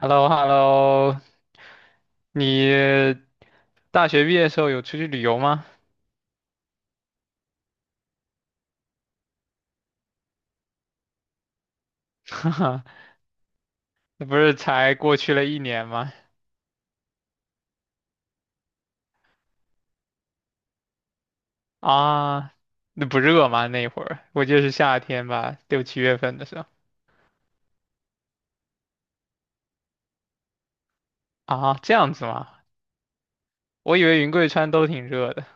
Hello hello 你大学毕业的时候有出去旅游吗？哈哈，那不是才过去了1年吗？啊，那不热吗？那会儿我记是夏天吧，6、7月份的时候。啊，这样子吗？我以为云贵川都挺热的。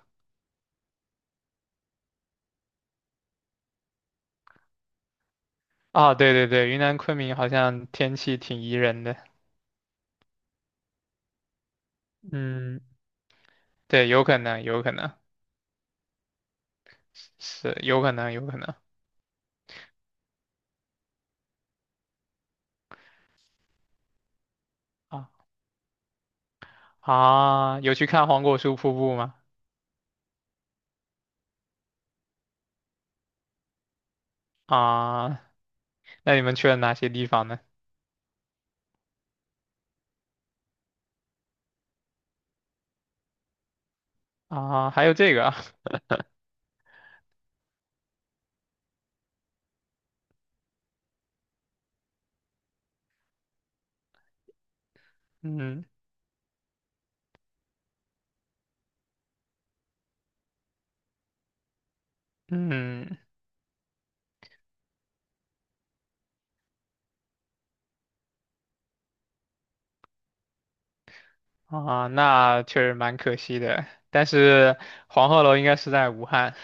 啊，对对对，云南昆明好像天气挺宜人的。嗯，对，有可能，有可能，是有可能，有可能。啊啊，有去看黄果树瀑布吗？啊，那你们去了哪些地方呢？啊，还有这个啊。嗯嗯。啊，那确实蛮可惜的。但是黄鹤楼应该是在武汉，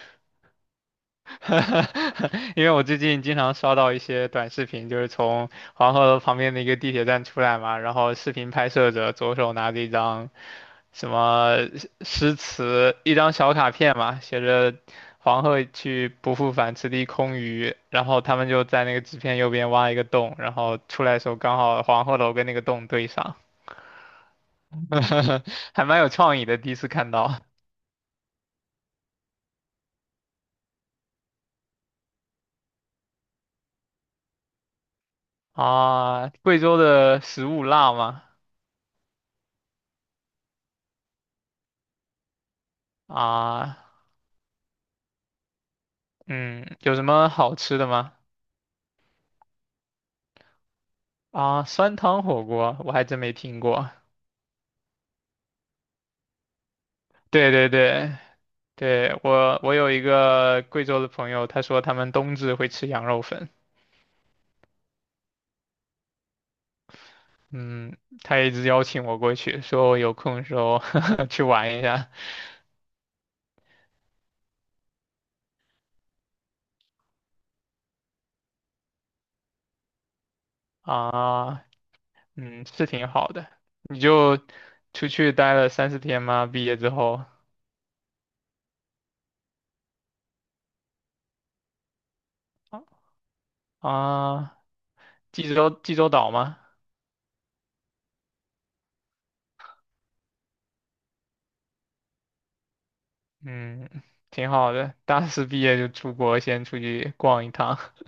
因为我最近经常刷到一些短视频，就是从黄鹤楼旁边的一个地铁站出来嘛，然后视频拍摄者左手拿着一张什么诗词，一张小卡片嘛，写着“黄鹤去，不复返，此地空余”，然后他们就在那个纸片右边挖一个洞，然后出来的时候刚好黄鹤楼跟那个洞对上，还蛮有创意的，第一次看到。啊，贵州的食物辣吗？啊。嗯，有什么好吃的吗？啊，酸汤火锅，我还真没听过。对对对，对，我有一个贵州的朋友，他说他们冬至会吃羊肉粉。嗯，他一直邀请我过去，说我有空的时候 去玩一下。啊。嗯，是挺好的。你就出去待了3、4天吗？毕业之后。啊，济州岛吗？嗯，挺好的。大四毕业就出国，先出去逛一趟。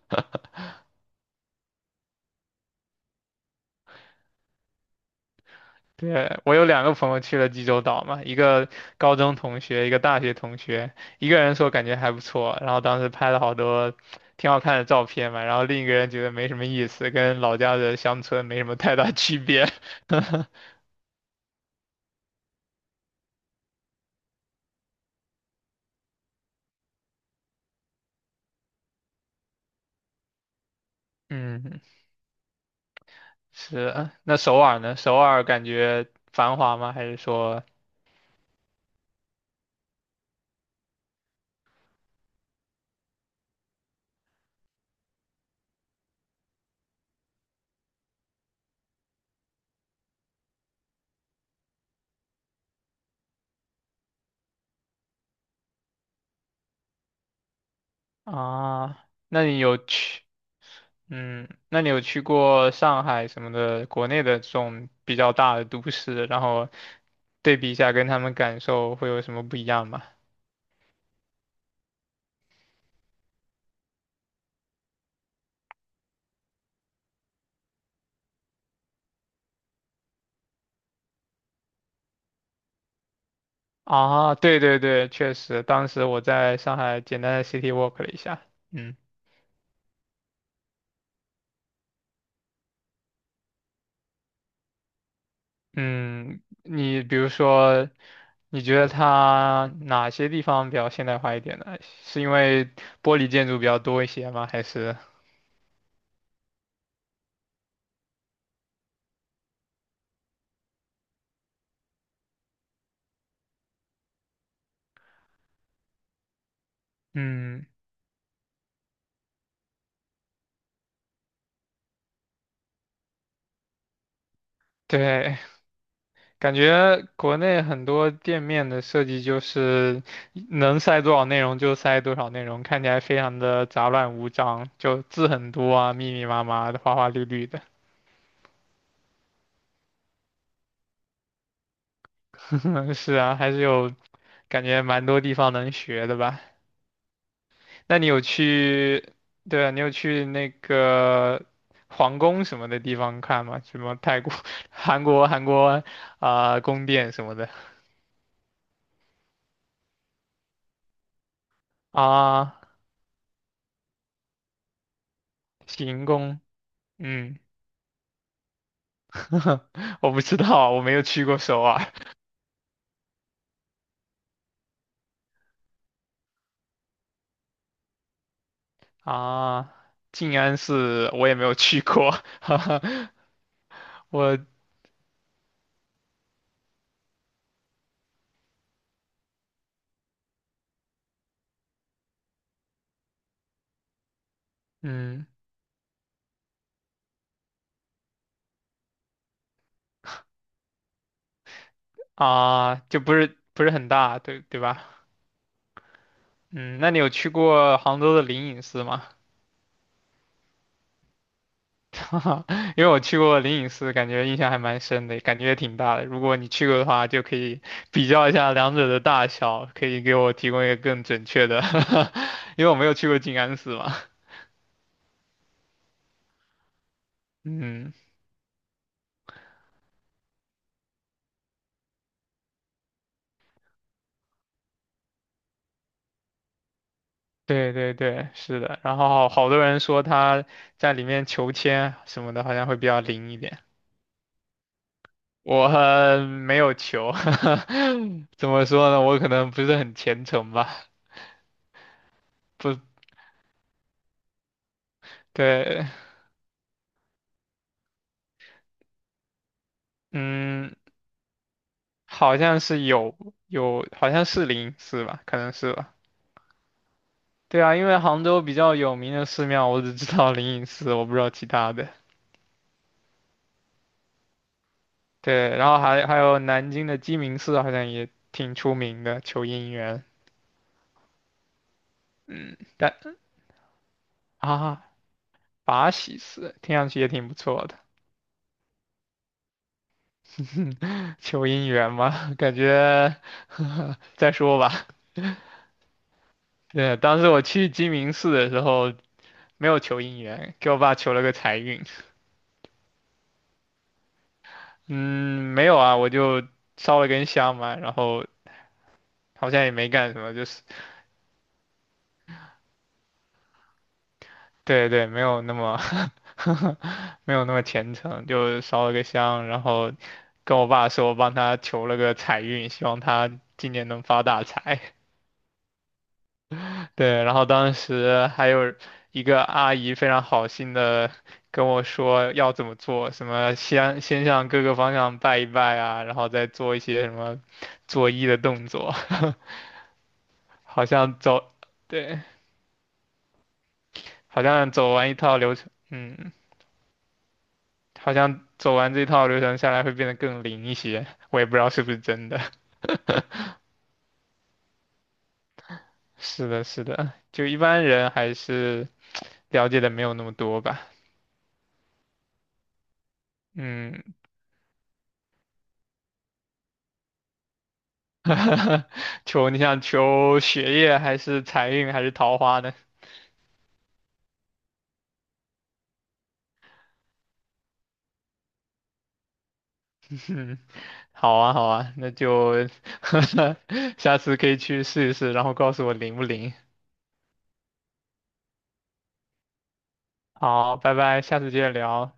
对，我有2个朋友去了济州岛嘛，一个高中同学，一个大学同学，一个人说感觉还不错，然后当时拍了好多挺好看的照片嘛，然后另一个人觉得没什么意思，跟老家的乡村没什么太大 区别。嗯，是。那首尔呢？首尔感觉繁华吗？还是说。啊？那你有去？嗯，那你有去过上海什么的国内的这种比较大的都市，然后对比一下，跟他们感受会有什么不一样吗？啊，对对对，确实，当时我在上海简单的 city walk 了一下，嗯。嗯，你比如说，你觉得它哪些地方比较现代化一点呢？是因为玻璃建筑比较多一些吗？还是。嗯，对，感觉国内很多店面的设计就是能塞多少内容就塞多少内容，看起来非常的杂乱无章，就字很多啊，密密麻麻的，花花绿绿的。嗯，是啊，还是有感觉蛮多地方能学的吧？那你有去，对啊，你有去那个皇宫什么的地方看吗？什么泰国、韩国啊、宫殿什么的。啊，行宫，嗯。我不知道，我没有去过首尔。 啊，静安寺我也没有去过，哈哈。我。嗯。啊，就不是很大，对对吧？嗯，那你有去过杭州的灵隐寺吗？哈哈。因为我去过灵隐寺，感觉印象还蛮深的，感觉也挺大的。如果你去过的话，就可以 比较一下两者的大小，可以给我提供一个更准确的，因为我没有去过静安寺嘛。嗯，对对对，是的。然后好多人说他在里面求签什么的，好像会比较灵一点。我没有求，怎么说呢？我可能不是很虔诚吧。不，对，嗯，好像是有。有，好像是灵隐寺吧，可能是吧。对啊，因为杭州比较有名的寺庙，我只知道灵隐寺，我不知道其他的。对，然后还有南京的鸡鸣寺，好像也挺出名的，求姻缘。嗯，但。啊，法喜寺听上去也挺不错的，求姻缘嘛，感觉 再说吧。对，当时我去鸡鸣寺的时候没有求姻缘，给我爸求了个财运。嗯，没有啊，我就烧了根香嘛，然后好像也没干什么，就是对对，没有那么 没有那么虔诚，就烧了个香，然后跟我爸说我帮他求了个财运，希望他今年能发大财。对，然后当时还有一个阿姨非常好心的跟我说要怎么做，什么先向各个方向拜一拜啊，然后再做一些什么作揖的动作，好像走，对，好像走完一套流程，嗯，好像走完这套流程下来会变得更灵一些，我也不知道是不是真的。是的，是的，就一般人还是了解的没有那么多吧，嗯。求你想求学业还是财运还是桃花呢？好啊好啊，那就 下次可以去试一试，然后告诉我灵不灵。好，拜拜，下次接着聊。